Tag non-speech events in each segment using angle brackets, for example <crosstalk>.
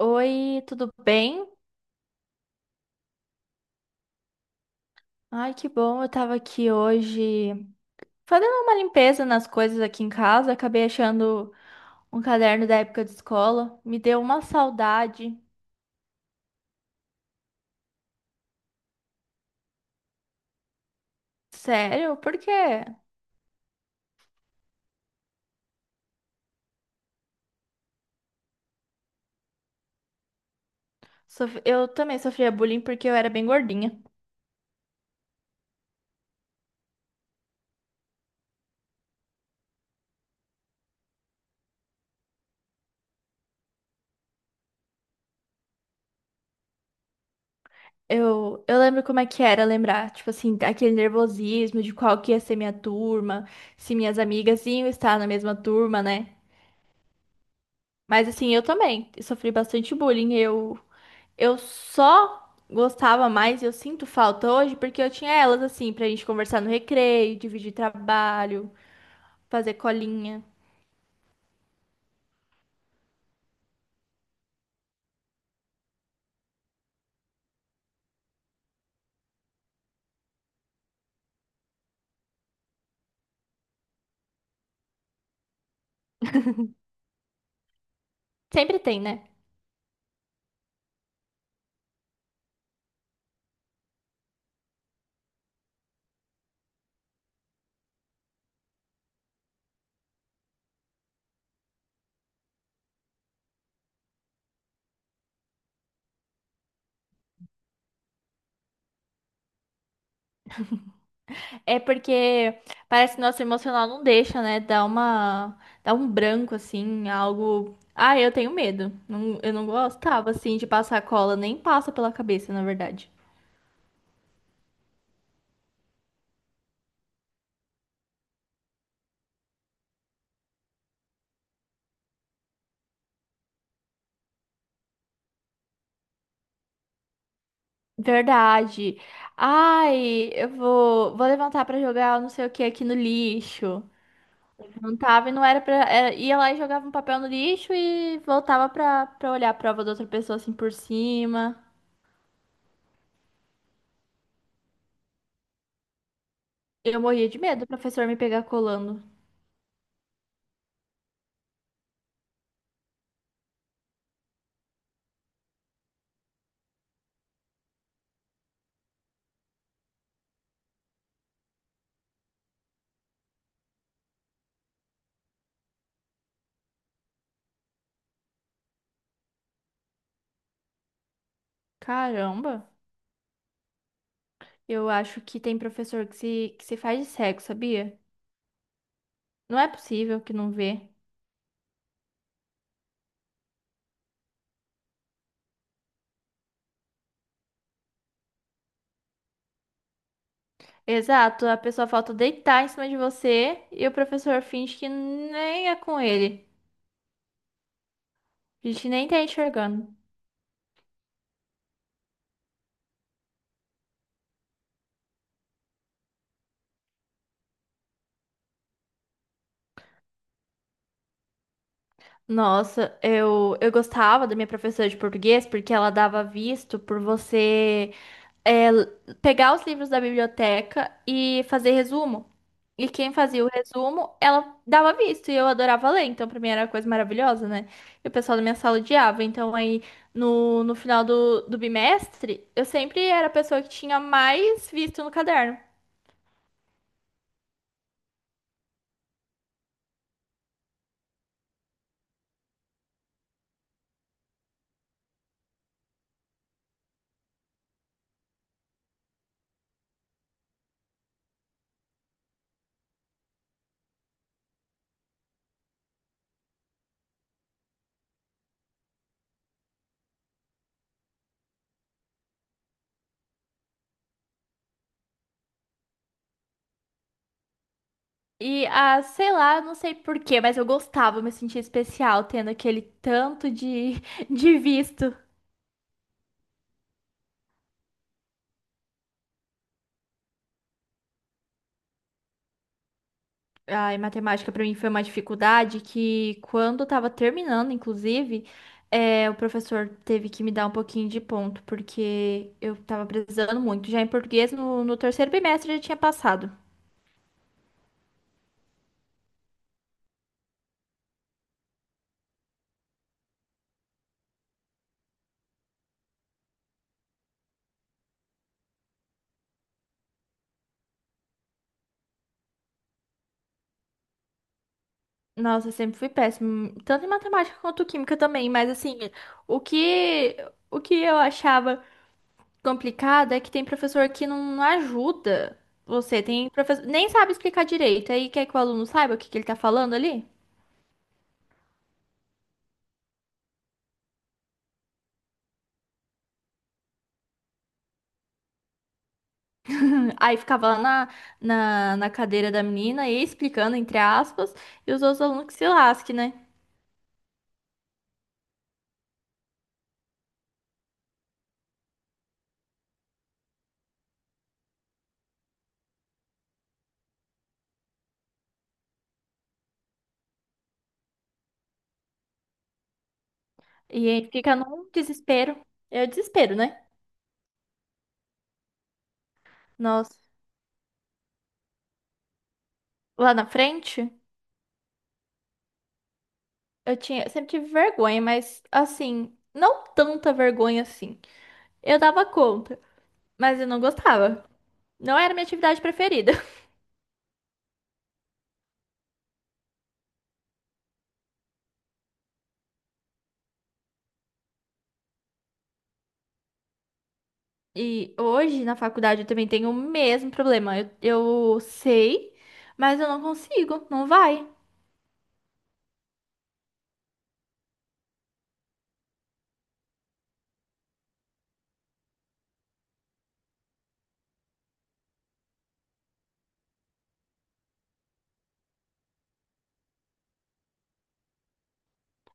Oi, tudo bem? Ai, que bom, eu tava aqui hoje fazendo uma limpeza nas coisas aqui em casa, acabei achando um caderno da época de escola, me deu uma saudade. Sério? Por quê? Eu também sofria bullying porque eu era bem gordinha. Eu lembro como é que era lembrar, tipo assim, aquele nervosismo de qual que ia ser minha turma, se minhas amigas iam estar na mesma turma, né? Mas assim, eu também sofri bastante bullying. Eu só gostava mais, e eu sinto falta hoje, porque eu tinha elas assim, pra gente conversar no recreio, dividir trabalho, fazer colinha. <laughs> Sempre tem, né? É porque parece que nosso emocional não deixa, né? Dá um branco assim, algo. Ah, eu tenho medo. Eu não gostava assim de passar cola, nem passa pela cabeça, na verdade. Verdade. Ai, vou levantar pra jogar não sei o que aqui no lixo. Não tava e não era pra. Era- ia lá e jogava um papel no lixo e voltava pra olhar a prova da outra pessoa assim por cima. Eu morria de medo do professor me pegar colando. Caramba, eu acho que tem professor que se faz de cego, sabia? Não é possível que não vê. Exato, a pessoa falta deitar em cima de você e o professor finge que nem é com ele. A gente nem tá enxergando. Nossa, eu gostava da minha professora de português porque ela dava visto por você. É, pegar os livros da biblioteca e fazer resumo. E quem fazia o resumo, ela dava visto e eu adorava ler, então pra mim era uma coisa maravilhosa, né? E o pessoal da minha sala odiava. Então aí no final do bimestre, eu sempre era a pessoa que tinha mais visto no caderno. E ah, sei lá, não sei por quê, mas eu gostava, eu me sentia especial tendo aquele tanto de, <laughs> de visto. Ai, matemática para mim foi uma dificuldade que, quando eu tava terminando, inclusive, é, o professor teve que me dar um pouquinho de ponto, porque eu tava precisando muito. Já em português, no terceiro bimestre, eu já tinha passado. Nossa, eu sempre fui péssimo, tanto em matemática quanto química também, mas assim, o que, o que eu achava complicado é que tem professor que não ajuda você, tem professor, nem sabe explicar direito, aí quer que o aluno saiba o que que ele tá falando ali? <laughs> Aí ficava lá na cadeira da menina e explicando, entre aspas, e os outros alunos que se lasquem, né? E aí fica num desespero. É desespero, né? Nossa. Lá na frente, eu tinha, sempre tive vergonha, mas assim, não tanta vergonha assim. Eu dava conta, mas eu não gostava. Não era minha atividade preferida. <laughs> E hoje, na faculdade, eu também tenho o mesmo problema. Eu sei, mas eu não consigo, não vai.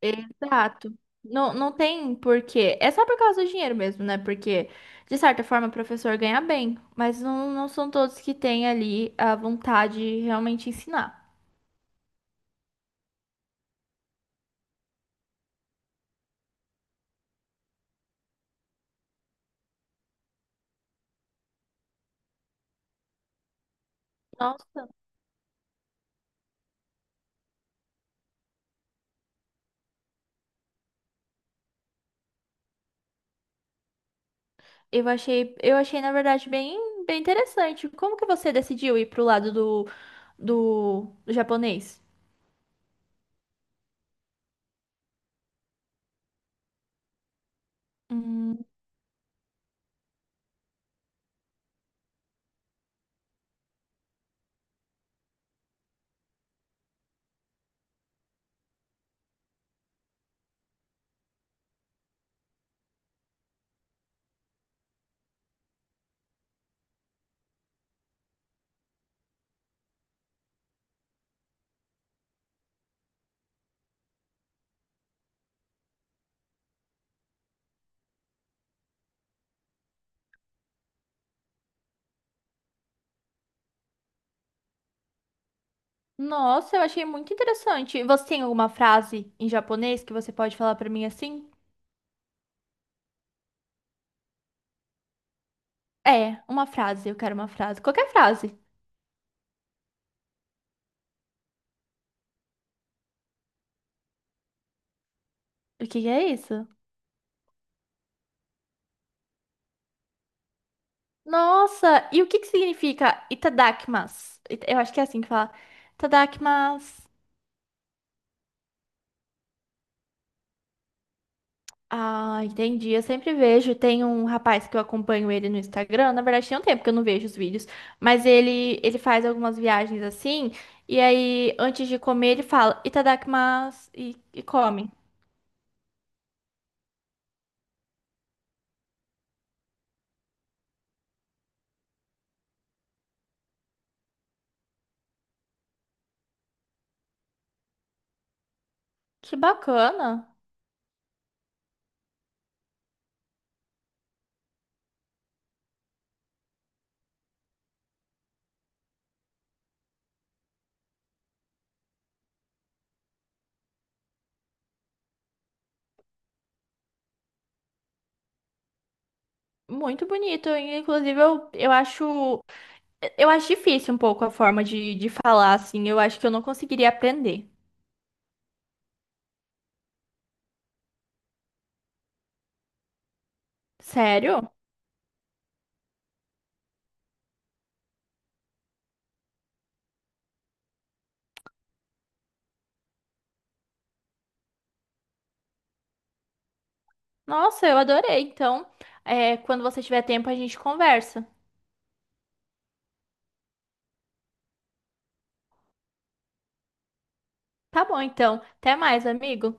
Exato. Não tem porquê. É só por causa do dinheiro mesmo, né? Porque, de certa forma, o professor ganha bem, mas não são todos que têm ali a vontade de realmente ensinar. Nossa, eu achei, na verdade, bem interessante. Como que você decidiu ir pro lado do japonês? Hum, nossa, eu achei muito interessante. Você tem alguma frase em japonês que você pode falar pra mim assim? É, uma frase, eu quero uma frase. Qualquer frase. O que que é isso? Nossa, e o que que significa itadakimasu? Eu acho que é assim que fala. Itadakimasu. Ah, entendi. Eu sempre vejo. Tem um rapaz que eu acompanho ele no Instagram. Na verdade, tem um tempo que eu não vejo os vídeos. Mas ele faz algumas viagens assim. E aí, antes de comer, ele fala itadakimasu e come. Que bacana. Muito bonito. E, inclusive, eu acho. Eu acho difícil um pouco a forma de falar assim. Eu acho que eu não conseguiria aprender. Sério? Nossa, eu adorei. Então, é, quando você tiver tempo, a gente conversa. Tá bom, então. Até mais, amigo.